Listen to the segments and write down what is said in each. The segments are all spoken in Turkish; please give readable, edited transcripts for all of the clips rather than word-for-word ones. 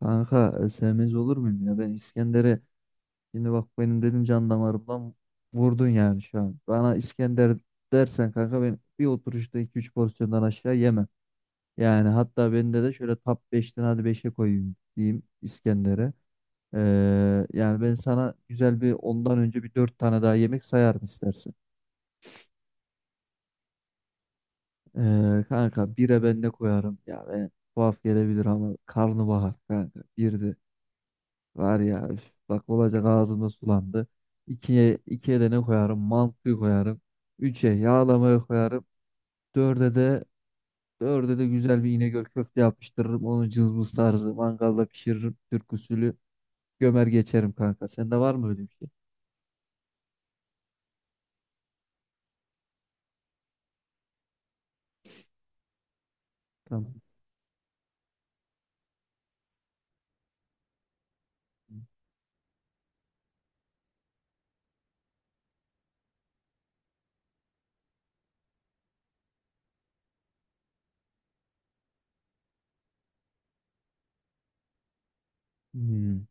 Kanka sevmez olur muyum ya? Ben İskender'e şimdi bak benim dedim can damarımdan vurdun yani şu an. Bana İskender dersen kanka ben bir oturuşta iki üç pozisyondan aşağı yemem. Yani hatta bende de şöyle top beşten hadi beşe koyayım diyeyim İskender'e. Yani ben sana güzel bir ondan önce bir 4 tane daha yemek sayarım istersen. Kanka 1'e ben ne koyarım? Ya ben tuhaf gelebilir ama karnabahar kanka 1'di. Var ya üf, bak olacak ağzımda sulandı. İkiye de ne koyarım? Mantı koyarım. Üçe yağlamayı koyarım. Dörde de dörde de güzel bir İnegöl köfte yapıştırırım. Onu cızbız tarzı mangalda pişiririm. Türk usulü gömer geçerim kanka. Sende var mı öyle bir şey? Tamam. Hmm,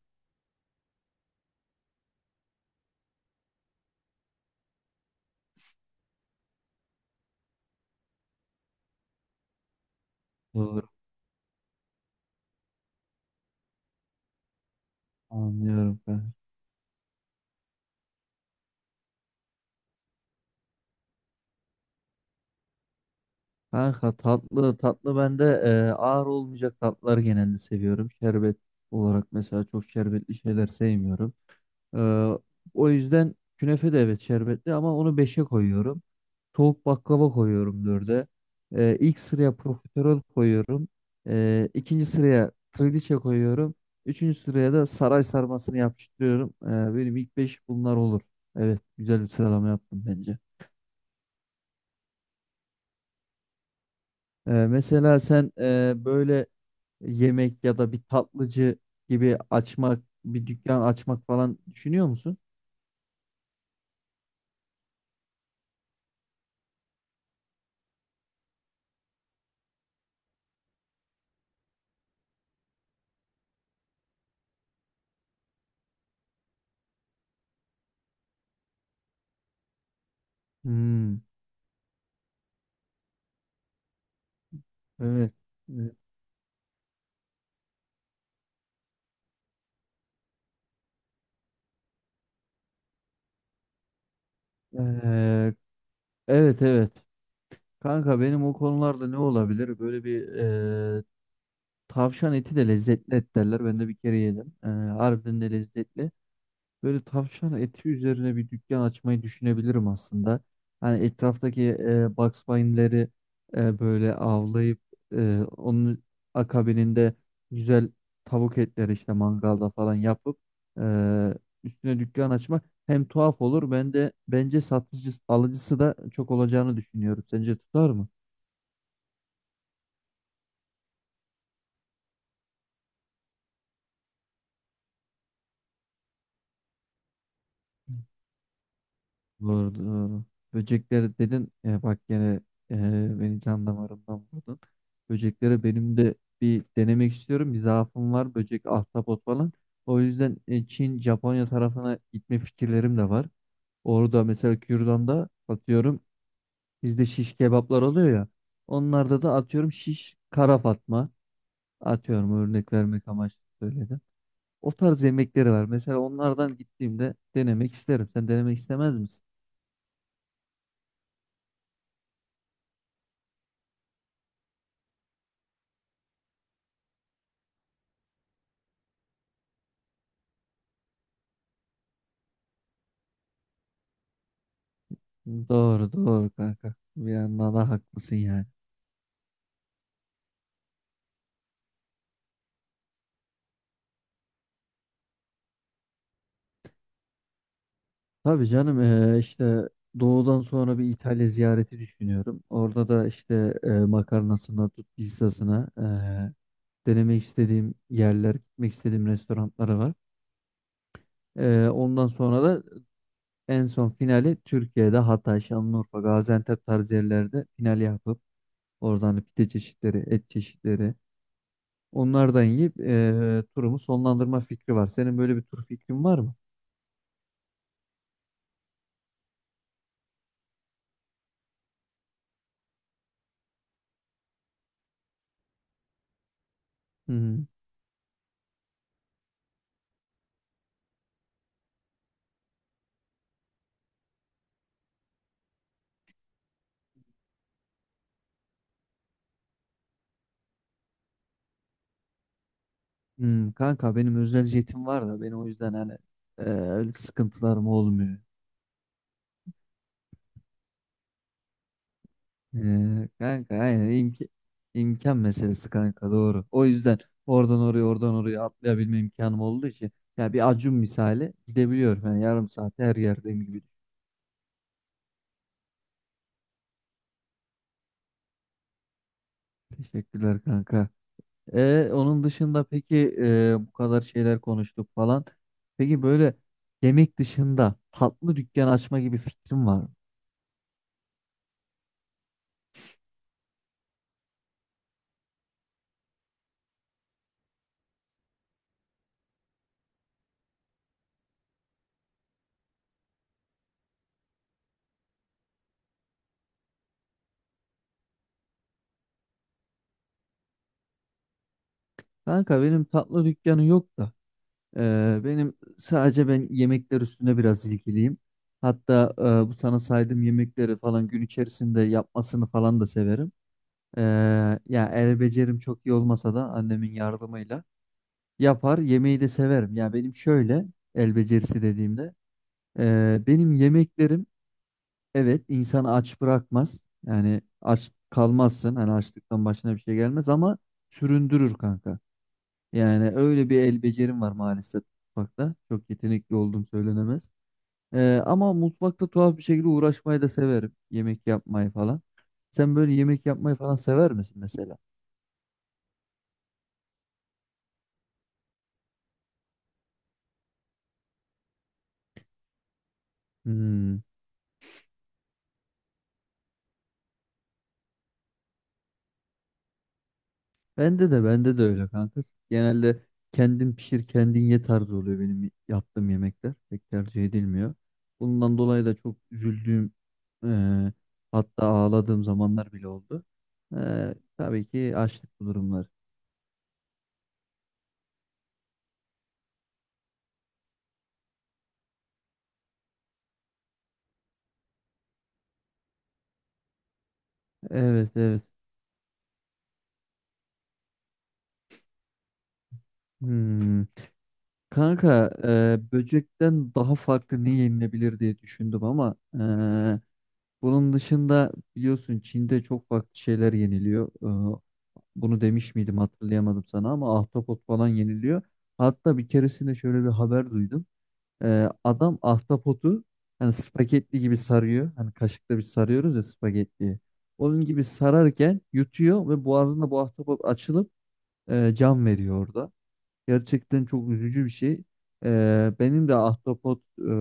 doğru anlıyorum kanka. Kanka tatlı tatlı ben de ağır olmayacak tatlılar genelde seviyorum. Şerbet olarak mesela çok şerbetli şeyler sevmiyorum. Ee, o yüzden künefe de evet şerbetli ama onu beşe koyuyorum. Soğuk baklava koyuyorum dörde, ilk sıraya profiterol koyuyorum. İkinci sıraya trileçe koyuyorum. Üçüncü sıraya da saray sarmasını yapıştırıyorum. Benim ilk 5 bunlar olur. Evet güzel bir sıralama yaptım bence. Mesela sen böyle yemek ya da bir tatlıcı gibi açmak, bir dükkan açmak falan düşünüyor musun? Hmm, evet. Evet. Ee, evet evet. Kanka benim o konularda ne olabilir? Böyle bir e, tavşan eti de lezzetli et derler. Ben de bir kere yedim. Harbiden de lezzetli. Böyle tavşan eti üzerine bir dükkan açmayı düşünebilirim aslında. Hani etraftaki Bugs Bunny'leri böyle avlayıp onun akabininde güzel tavuk etleri işte mangalda falan yapıp e, üstüne dükkan açmak hem tuhaf olur ben de bence satıcısı alıcısı da çok olacağını düşünüyorum. Sence tutar mı? Doğru doğru. Böcekleri dedin ya bak gene beni can damarımdan vurdun. Böcekleri benim de bir denemek istiyorum. Bir zaafım var böcek ahtapot falan. O yüzden Çin Japonya tarafına gitme fikirlerim de var. Orada mesela Kürdan'da atıyorum bizde şiş kebaplar oluyor ya. Onlarda da atıyorum şiş kara fatma. Atıyorum örnek vermek amaçlı söyledim. O tarz yemekleri var. Mesela onlardan gittiğimde denemek isterim. Sen denemek istemez misin? Doğru doğru kanka. Bir yandan da haklısın yani. Tabii canım işte doğudan sonra bir İtalya ziyareti düşünüyorum. Orada da işte makarnasına tut pizzasına denemek istediğim yerler, gitmek istediğim restoranları var. Ondan sonra da en son finali Türkiye'de Hatay, Şanlıurfa, Gaziantep tarzı yerlerde final yapıp oradan hani pide çeşitleri, et çeşitleri onlardan yiyip turumu sonlandırma fikri var. Senin böyle bir tur fikrin var mı? Hı kanka benim özel jetim var da benim o yüzden hani öyle sıkıntılarım olmuyor. Kanka aynen imkan meselesi kanka doğru. O yüzden oradan oraya oradan oraya atlayabilme imkanım olduğu için ya bir Acun misali gidebiliyorum. Yani yarım saat her yerdeyim gibi. Teşekkürler kanka. Onun dışında peki bu kadar şeyler konuştuk falan. Peki böyle yemek dışında tatlı dükkan açma gibi fikrim var mı? Kanka benim tatlı dükkanı yok da. Benim sadece ben yemekler üstüne biraz ilgiliyim. Hatta bu sana saydığım yemekleri falan gün içerisinde yapmasını falan da severim. Ee, ya el becerim çok iyi olmasa da annemin yardımıyla yapar. Yemeği de severim. Ya benim şöyle el becerisi dediğimde benim yemeklerim evet insanı aç bırakmaz. Yani aç kalmazsın. Hani açlıktan başına bir şey gelmez ama süründürür kanka. Yani öyle bir el becerim var maalesef mutfakta. Çok yetenekli olduğum söylenemez. Ama mutfakta tuhaf bir şekilde uğraşmayı da severim. Yemek yapmayı falan. Sen böyle yemek yapmayı falan sever misin mesela? Hmm. Bende de öyle kanka. Genelde kendin pişir kendin ye tarzı oluyor benim yaptığım yemekler. Pek tercih edilmiyor. Bundan dolayı da çok üzüldüğüm e, hatta ağladığım zamanlar bile oldu. Tabii ki açlık bu durumlar. Evet evet. Hmm. Kanka böcekten daha farklı ne yenilebilir diye düşündüm ama bunun dışında biliyorsun Çin'de çok farklı şeyler yeniliyor. E, bunu demiş miydim hatırlayamadım sana ama ahtapot falan yeniliyor. Hatta bir keresinde şöyle bir haber duydum. Adam ahtapotu hani spagetti gibi sarıyor. Hani kaşıkla bir sarıyoruz ya spagettiyi. Onun gibi sararken yutuyor ve boğazında bu ahtapot açılıp can veriyor orada. Gerçekten çok üzücü bir şey. Benim de ahtapot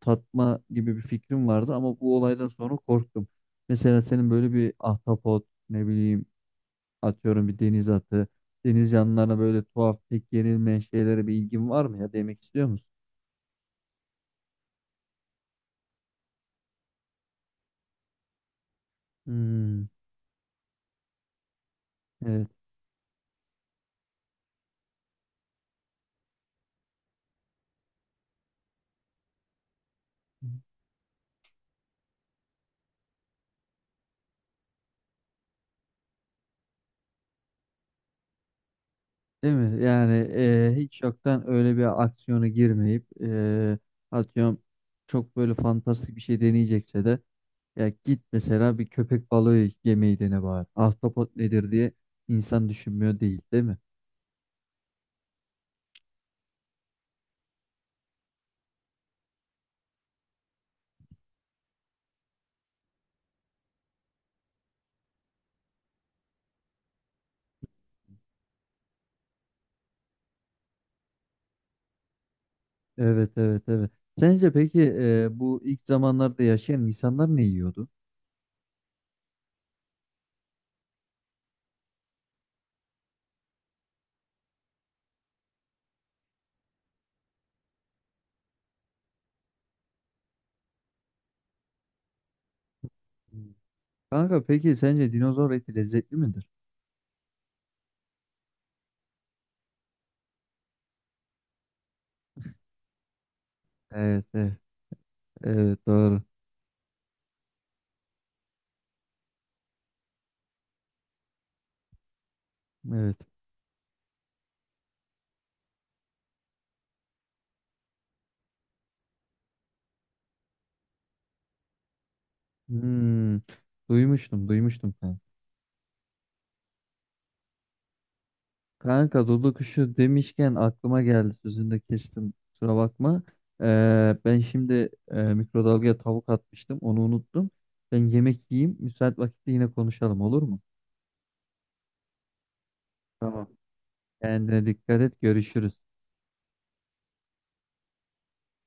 tatma gibi bir fikrim vardı ama bu olaydan sonra korktum. Mesela senin böyle bir ahtapot ne bileyim atıyorum bir deniz atı, deniz canlılarına böyle tuhaf pek yenilmeyen şeylere bir ilgin var mı ya demek istiyor musun? Hmm, evet. Değil mi? Yani hiç yoktan öyle bir aksiyona girmeyip atıyorum çok böyle fantastik bir şey deneyecekse de ya git mesela bir köpek balığı yemeği dene bari. Ahtapot nedir diye insan düşünmüyor değil, değil mi? Evet, evet, evet. Sence peki bu ilk zamanlarda yaşayan insanlar ne yiyordu? Hmm. Kanka peki sence dinozor eti lezzetli midir? Evet, evet, evet doğru. Evet. Hmm, duymuştum, duymuştum kanka. Kanka Dudu kuşu demişken aklıma geldi sözünü de kestim kusura bakma. Ben şimdi mikrodalgaya tavuk atmıştım onu unuttum. Ben yemek yiyeyim müsait vakitte yine konuşalım olur mu? Tamam. Kendine dikkat et görüşürüz.